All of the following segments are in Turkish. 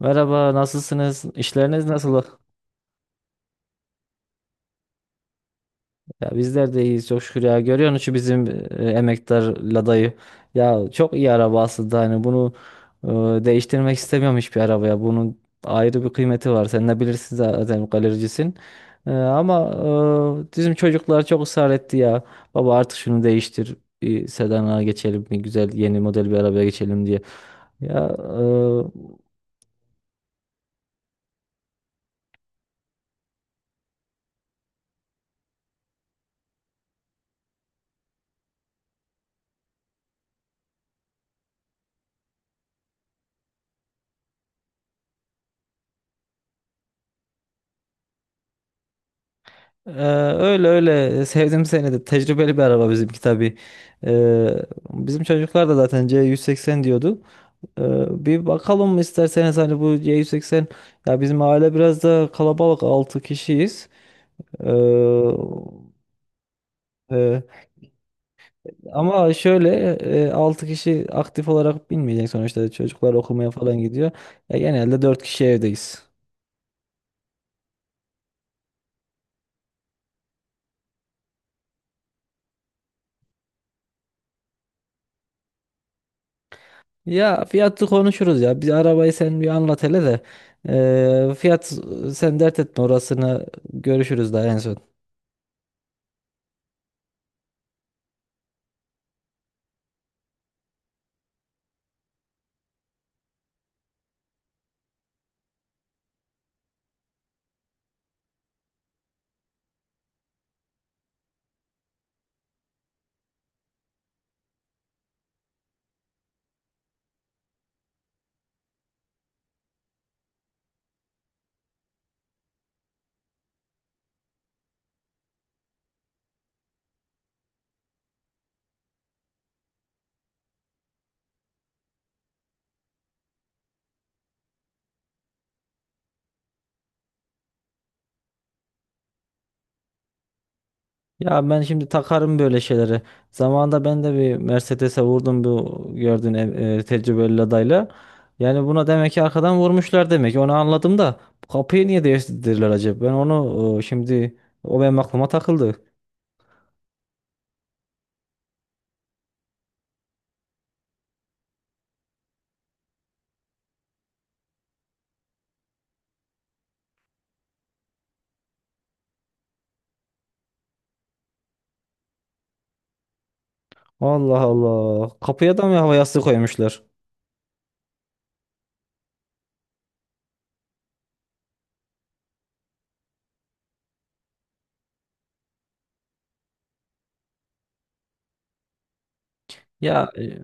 Merhaba, nasılsınız? İşleriniz nasıl? Ya bizler de iyiyiz çok şükür ya. Görüyorsun şu bizim emektar Lada'yı. Ya çok iyi araba aslında hani bunu değiştirmek istemiyorum hiçbir arabaya. Bunun ayrı bir kıymeti var. Sen de bilirsin zaten galericisin. Ama bizim çocuklar çok ısrar etti ya. Baba artık şunu değiştir. Bir sedana geçelim, bir güzel yeni model bir arabaya geçelim diye. Ya e, Ee, Öyle öyle sevdim seni, de tecrübeli bir araba bizimki tabii. Ee, Bizim çocuklar da zaten C180 diyordu. Bir bakalım mı isterseniz hani bu C180. Ya bizim aile biraz da kalabalık, 6 kişiyiz. Ee, e, Ama şöyle, 6 kişi aktif olarak binmeyecek sonuçta, çocuklar okumaya falan gidiyor. Ya genelde 4 kişi evdeyiz. Ya fiyatı konuşuruz ya. Biz arabayı sen bir anlat hele de. Fiyat, sen dert etme orasını, görüşürüz daha en son. Ya ben şimdi takarım böyle şeyleri. Zamanında ben de bir Mercedes'e vurdum bu gördüğün tecrübeli adayla. Yani buna demek ki arkadan vurmuşlar demek ki. Onu anladım da bu kapıyı niye değiştirdiler acaba? Ben onu şimdi, o benim aklıma takıldı. Allah Allah. Kapıya da mı hava yastığı koymuşlar? Ya e,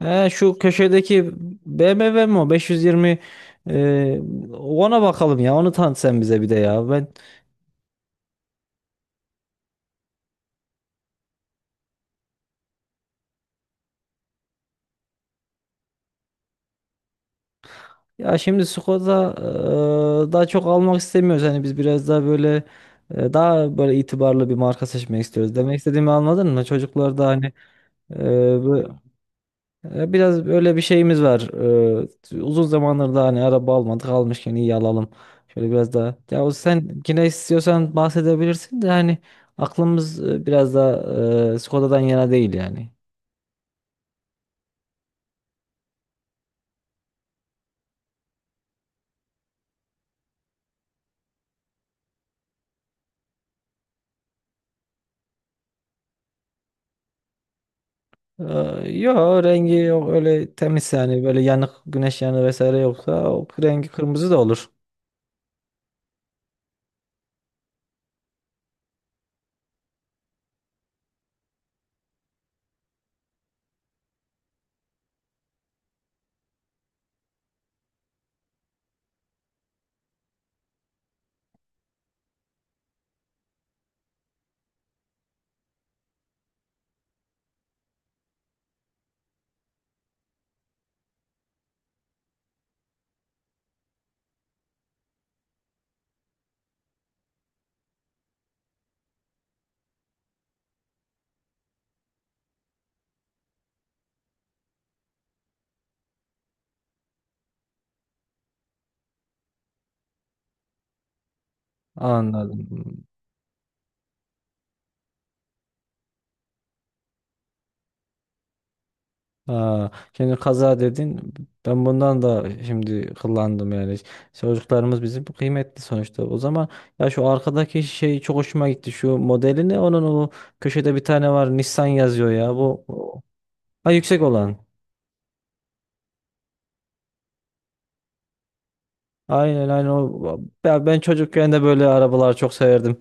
He, şu köşedeki BMW mi o? 520, e, ona bakalım ya. Onu tanıt sen bize bir de ya. Ya şimdi Skoda, daha çok almak istemiyoruz. Hani biz biraz daha böyle daha böyle itibarlı bir marka seçmek istiyoruz. Demek istediğimi anladın mı? Çocuklar da hani e, bu- biraz böyle bir şeyimiz var. Uzun zamandır da hani araba almadık, almışken iyi alalım. Şöyle biraz daha. Ya o sen yine istiyorsan bahsedebilirsin de hani aklımız biraz daha Skoda'dan yana değil yani. E, Yok, rengi yok öyle, temiz yani, böyle yanık, güneş yanığı vesaire yoksa o, rengi kırmızı da olur. Anladım. Aa, şimdi kaza dedin. Ben bundan da şimdi kullandım yani. Çocuklarımız bizim kıymetli sonuçta. O zaman, ya şu arkadaki şey çok hoşuma gitti. Şu modeli ne? Onun o köşede bir tane var. Nissan yazıyor ya. Ha, yüksek olan. Aynen aynen o. Ya ben çocukken de böyle arabalar çok severdim.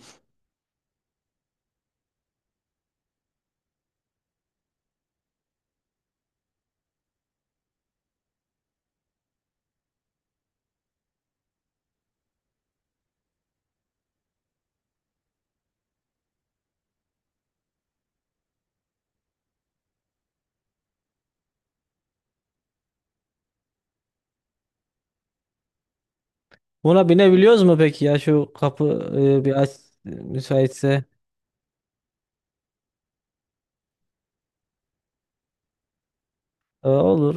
Buna binebiliyoruz mu peki ya? Şu kapı, bir aç, müsaitse. Olur.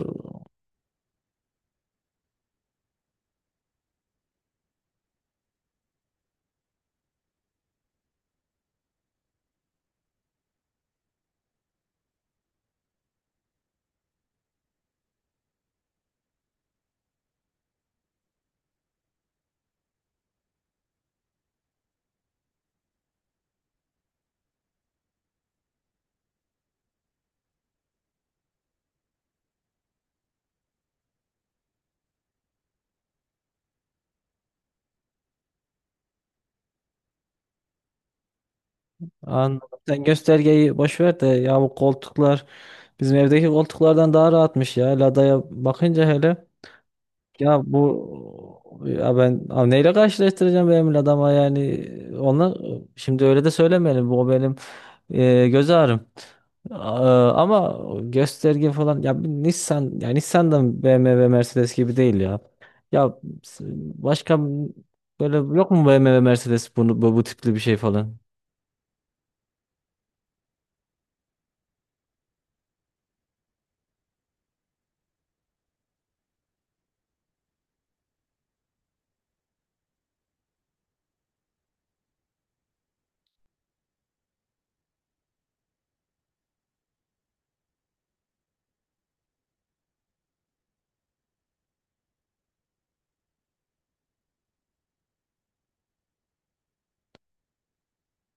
Anladım. Sen göstergeyi boş ver de, ya bu koltuklar bizim evdeki koltuklardan daha rahatmış ya. Lada'ya bakınca hele, ya bu ya ben abi neyle karşılaştıracağım benim Lada'ma yani, ona şimdi öyle de söylemeyelim, bu benim göz ağrım. Aa, ama gösterge falan ya bir Nissan, ya Nissan da BMW Mercedes gibi değil ya. Ya s- Başka böyle yok mu, BMW Mercedes bunu, bu tipli bir şey falan?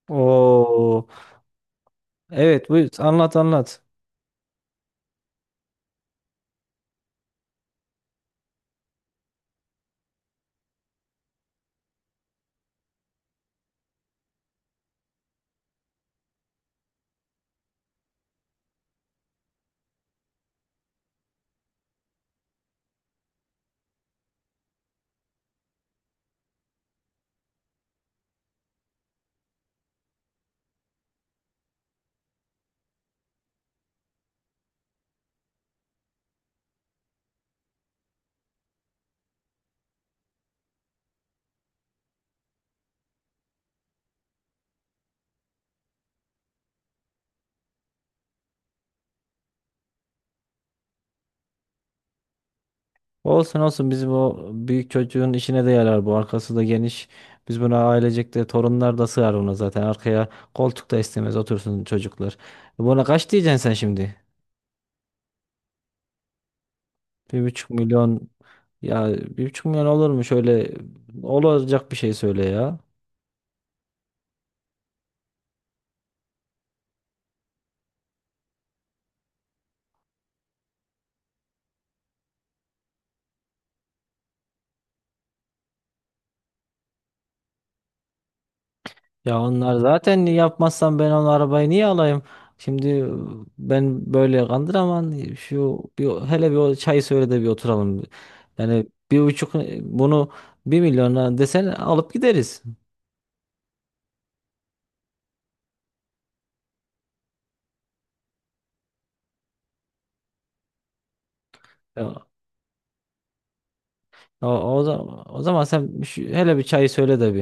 Oo. Evet, bu anlat anlat. Olsun olsun, bizim o büyük çocuğun işine de yarar bu. Arkası da geniş. Biz buna ailecek de torunlar da sığar buna zaten. Arkaya koltuk da istemez, otursun çocuklar. Buna kaç diyeceksin sen şimdi? 1,5 milyon, ya 1,5 milyon olur mu, şöyle olacak bir şey söyle ya. Ya onlar zaten yapmazsam ben onu arabayı niye alayım? Şimdi ben böyle kandıramam. Şu bir, hele bir o çay söyle de bir oturalım. Yani 1,5, bunu 1 milyona desen alıp gideriz. Ya, O zaman sen hele bir çayı söyle de bir.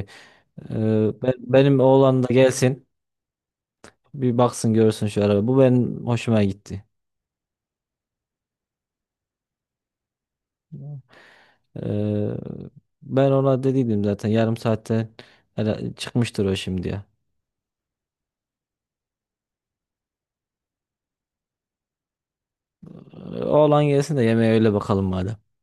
Benim oğlan da gelsin. Bir baksın görsün şu araba. Bu benim hoşuma gitti. Ee, Ben ona dediydim zaten 0,5 saatte, hele çıkmıştır o şimdiye. Oğlan gelsin de yemeğe öyle bakalım madem.